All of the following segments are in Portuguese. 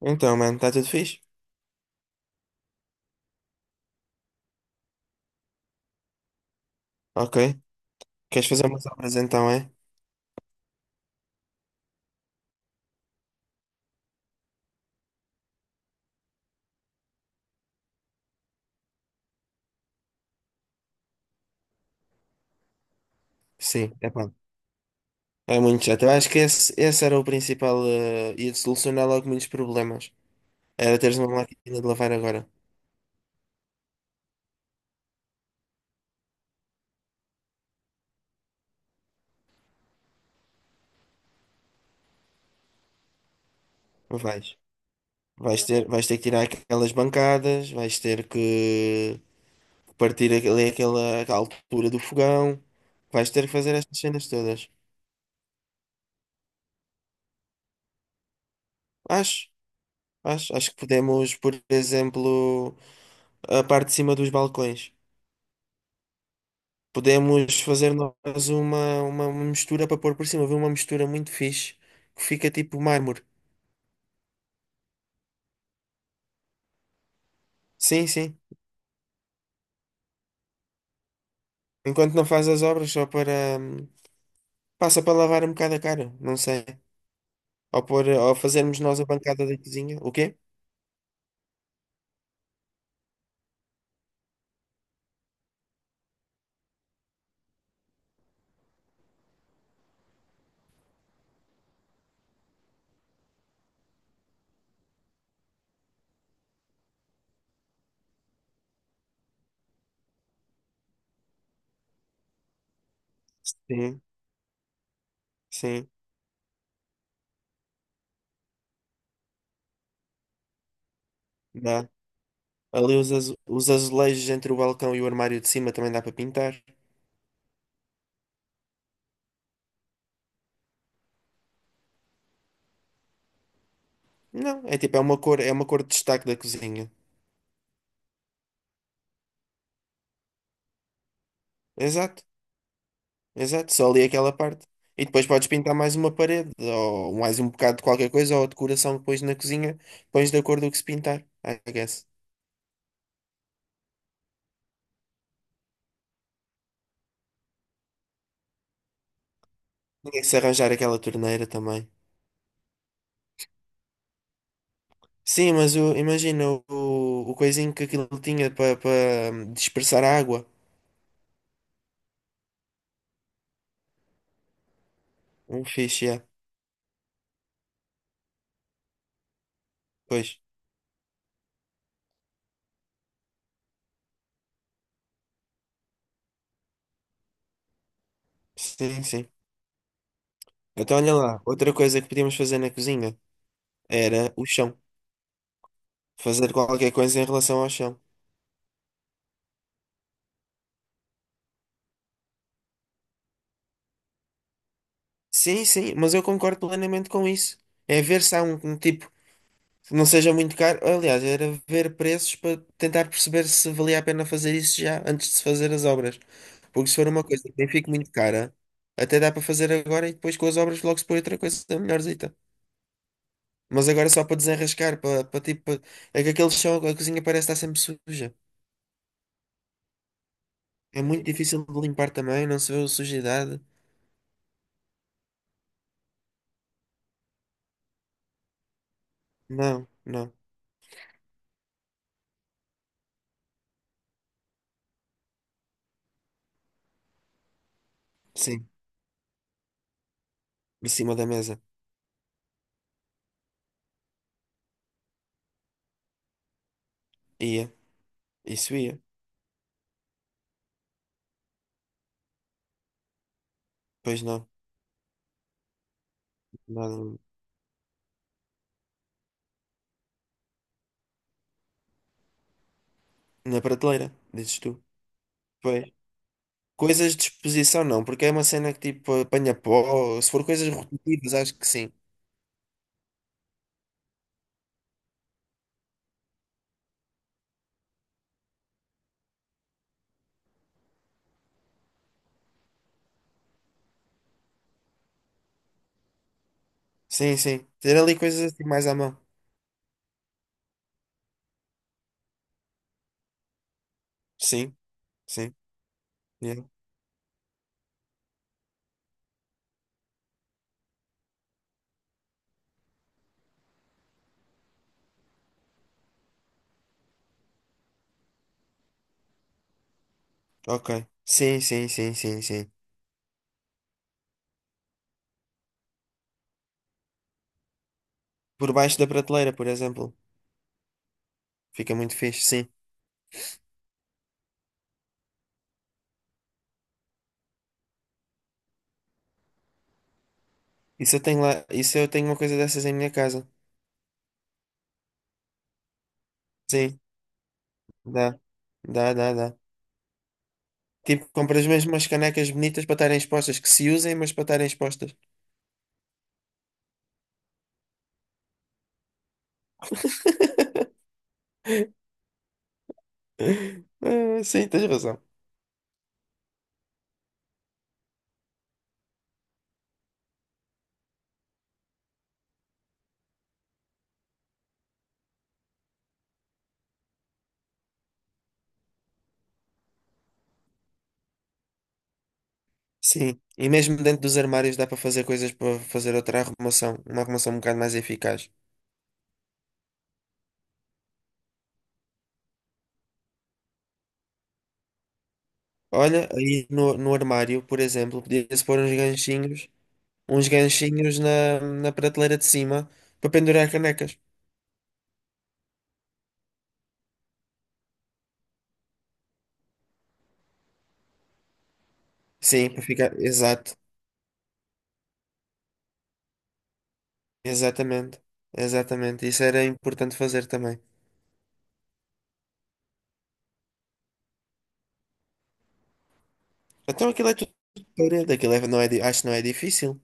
Então, mano, está tudo fixe? Ok. Queres fazer umas obras então, é? Sim, é pá. É muito chato. Eu acho que esse era o principal. Ia solucionar logo muitos problemas. Era teres uma máquina de lavar agora. Não vais. Vais ter que tirar aquelas bancadas, vais ter que partir ali aquela altura do fogão, vais ter que fazer estas cenas todas. Acho, acho que podemos, por exemplo, a parte de cima dos balcões. Podemos fazer nós uma mistura para pôr por cima. Viu uma mistura muito fixe que fica tipo mármore. Sim, sim. Enquanto não faz as obras, só para. Passa para lavar um bocado a cara, não sei. Ou, pôr, ou fazermos nós a bancada da cozinha. O quê? Sim, sim, dá. Ali os, os azulejos entre o balcão e o armário de cima também dá para pintar. Não, é tipo, é uma cor de destaque da cozinha. Exato. Exato, só ali aquela parte. E depois podes pintar mais uma parede, ou mais um bocado de qualquer coisa, ou a decoração que pões na cozinha, pões de acordo com o que se pintar, I guess. Tinha que se arranjar aquela torneira também. Sim, mas imagina o coisinho que aquilo tinha para dispersar a água. Um fixe, yeah. Pois. Sim, sim. Então olha lá, outra coisa que podíamos fazer na cozinha era o chão. Fazer qualquer coisa em relação ao chão. Sim, sim, mas eu concordo plenamente com isso. É ver se há um tipo. Não seja muito caro. Aliás, era ver preços para tentar perceber se valia a pena fazer isso já antes de se fazer as obras. Porque se for uma coisa que nem fique muito cara, até dá para fazer agora e depois com as obras logo se põe outra coisa melhorzita. Mas agora só para desenrascar, para tipo. É que aquele chão, a cozinha parece estar sempre suja. É muito difícil de limpar também, não se vê a sujidade. Não, não. Sim, por cima da mesa. Ia. Isso ia. Pois não. Nada. Na prateleira, dizes tu. Pois. Coisas de exposição não, porque é uma cena que tipo apanha pó. Se for coisas rotativas, acho que sim. Sim, sim. Ter ali coisas assim mais à mão. Sim, sim. Yeah, ok. Sim, sim, sim, sim, sim. Por baixo da prateleira, por exemplo. Fica muito fixe, sim. Isso eu tenho lá, isso eu tenho uma coisa dessas em minha casa. Sim, dá. Dá, dá, dá. Tipo, compras mesmo umas canecas bonitas para estarem expostas, que se usem, mas para estarem expostas. Ah, sim, tens razão. Sim, e mesmo dentro dos armários dá para fazer coisas para fazer outra arrumação, uma arrumação um bocado mais eficaz. Olha, aí no armário, por exemplo, podia-se pôr uns ganchinhos na prateleira de cima para pendurar canecas. Sim, para ficar. Exato, exatamente, exatamente. Isso era importante fazer também. Então aquilo é tudo de parede, não é, acho que não é difícil.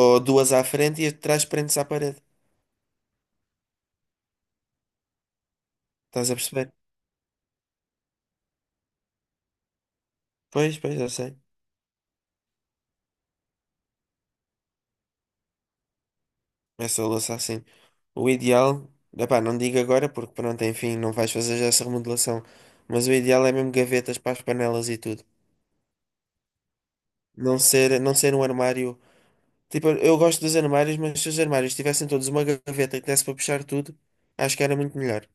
Ou duas à frente e atrás prendes à parede. Estás a perceber? Pois, pois, eu sei. Essa louça assim. O ideal, epá, não digo agora porque pronto, enfim, não vais fazer já essa remodelação. Mas o ideal é mesmo gavetas para as panelas e tudo. Não ser um armário. Tipo, eu gosto dos armários, mas se os armários tivessem todos uma gaveta que desse para puxar tudo, acho que era muito melhor.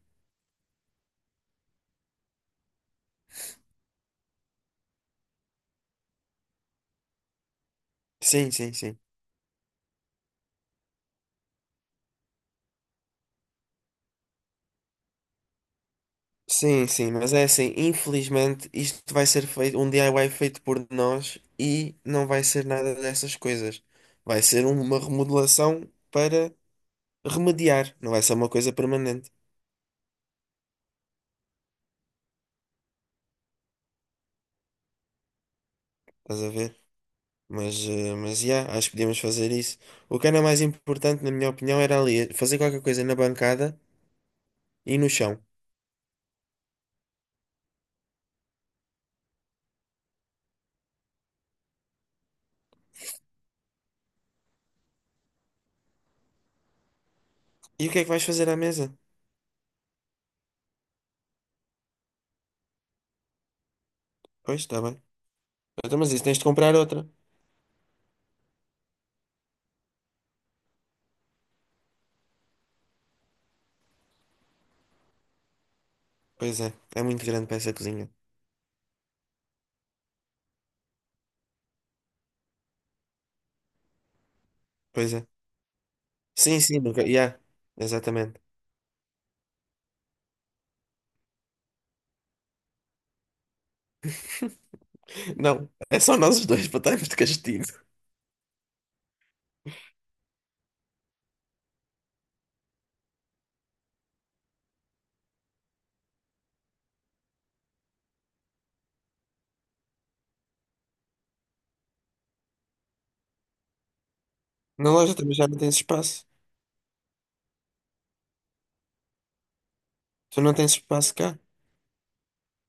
Sim, sim, sim. Sim, sim, mas é assim, infelizmente isto vai ser feito, um DIY feito por nós e não vai ser nada dessas coisas. Vai ser uma remodelação para remediar, não vai ser uma coisa permanente. Estás a ver? Mas, mas yeah, acho que podíamos fazer isso. O que era mais importante, na minha opinião, era ali fazer qualquer coisa na bancada e no chão. E o que é que vais fazer à mesa? Pois, está bem. Então, mas isso tens de comprar outra. Pois é, é muito grande para essa cozinha. Pois é. Sim, sim, nunca. Yeah, exatamente. Não, é só nós os dois para estarmos de castigo. Na loja também já não tens espaço. Tu não tens espaço cá.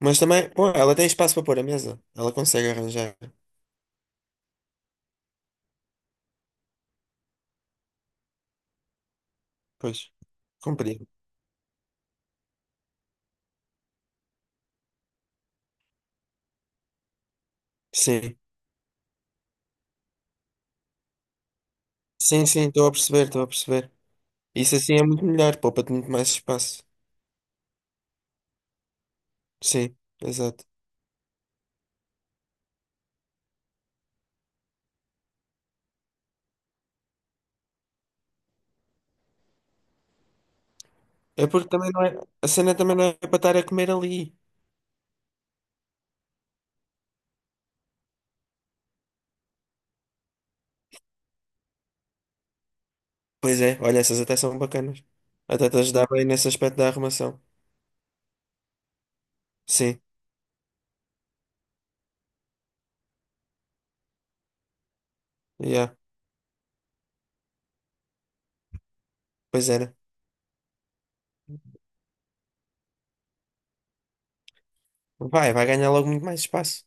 Mas também, pô, ela tem espaço para pôr a mesa. Ela consegue arranjar. Pois, compreendo. Sim. Sim, sim, estou a perceber, estou a perceber. Isso assim é muito melhor, poupa-te muito mais espaço. Sim, exato. É porque também não é. A cena também não é para estar a comer ali. Pois é, olha, essas até são bacanas. Até te ajudar bem nesse aspecto da arrumação. Sim, yeah, pois era. Vai, vai ganhar logo muito mais espaço.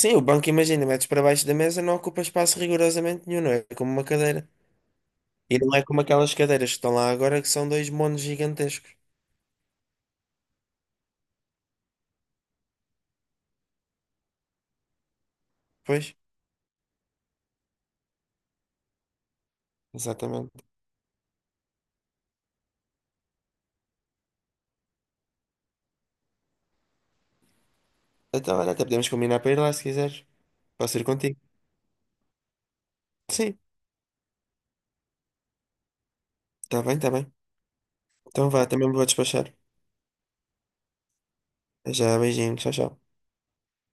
Sim, o banco, imagina, metes para baixo da mesa, não ocupa espaço rigorosamente nenhum, não é como uma cadeira. E não é como aquelas cadeiras que estão lá agora que são dois monos gigantescos. Pois, exatamente. Então, olha, até podemos combinar para ir lá se quiseres. Posso ir contigo? Sim, tá bem, tá bem. Então vá, também me vou despachar. Já, beijinho, tchau, tchau.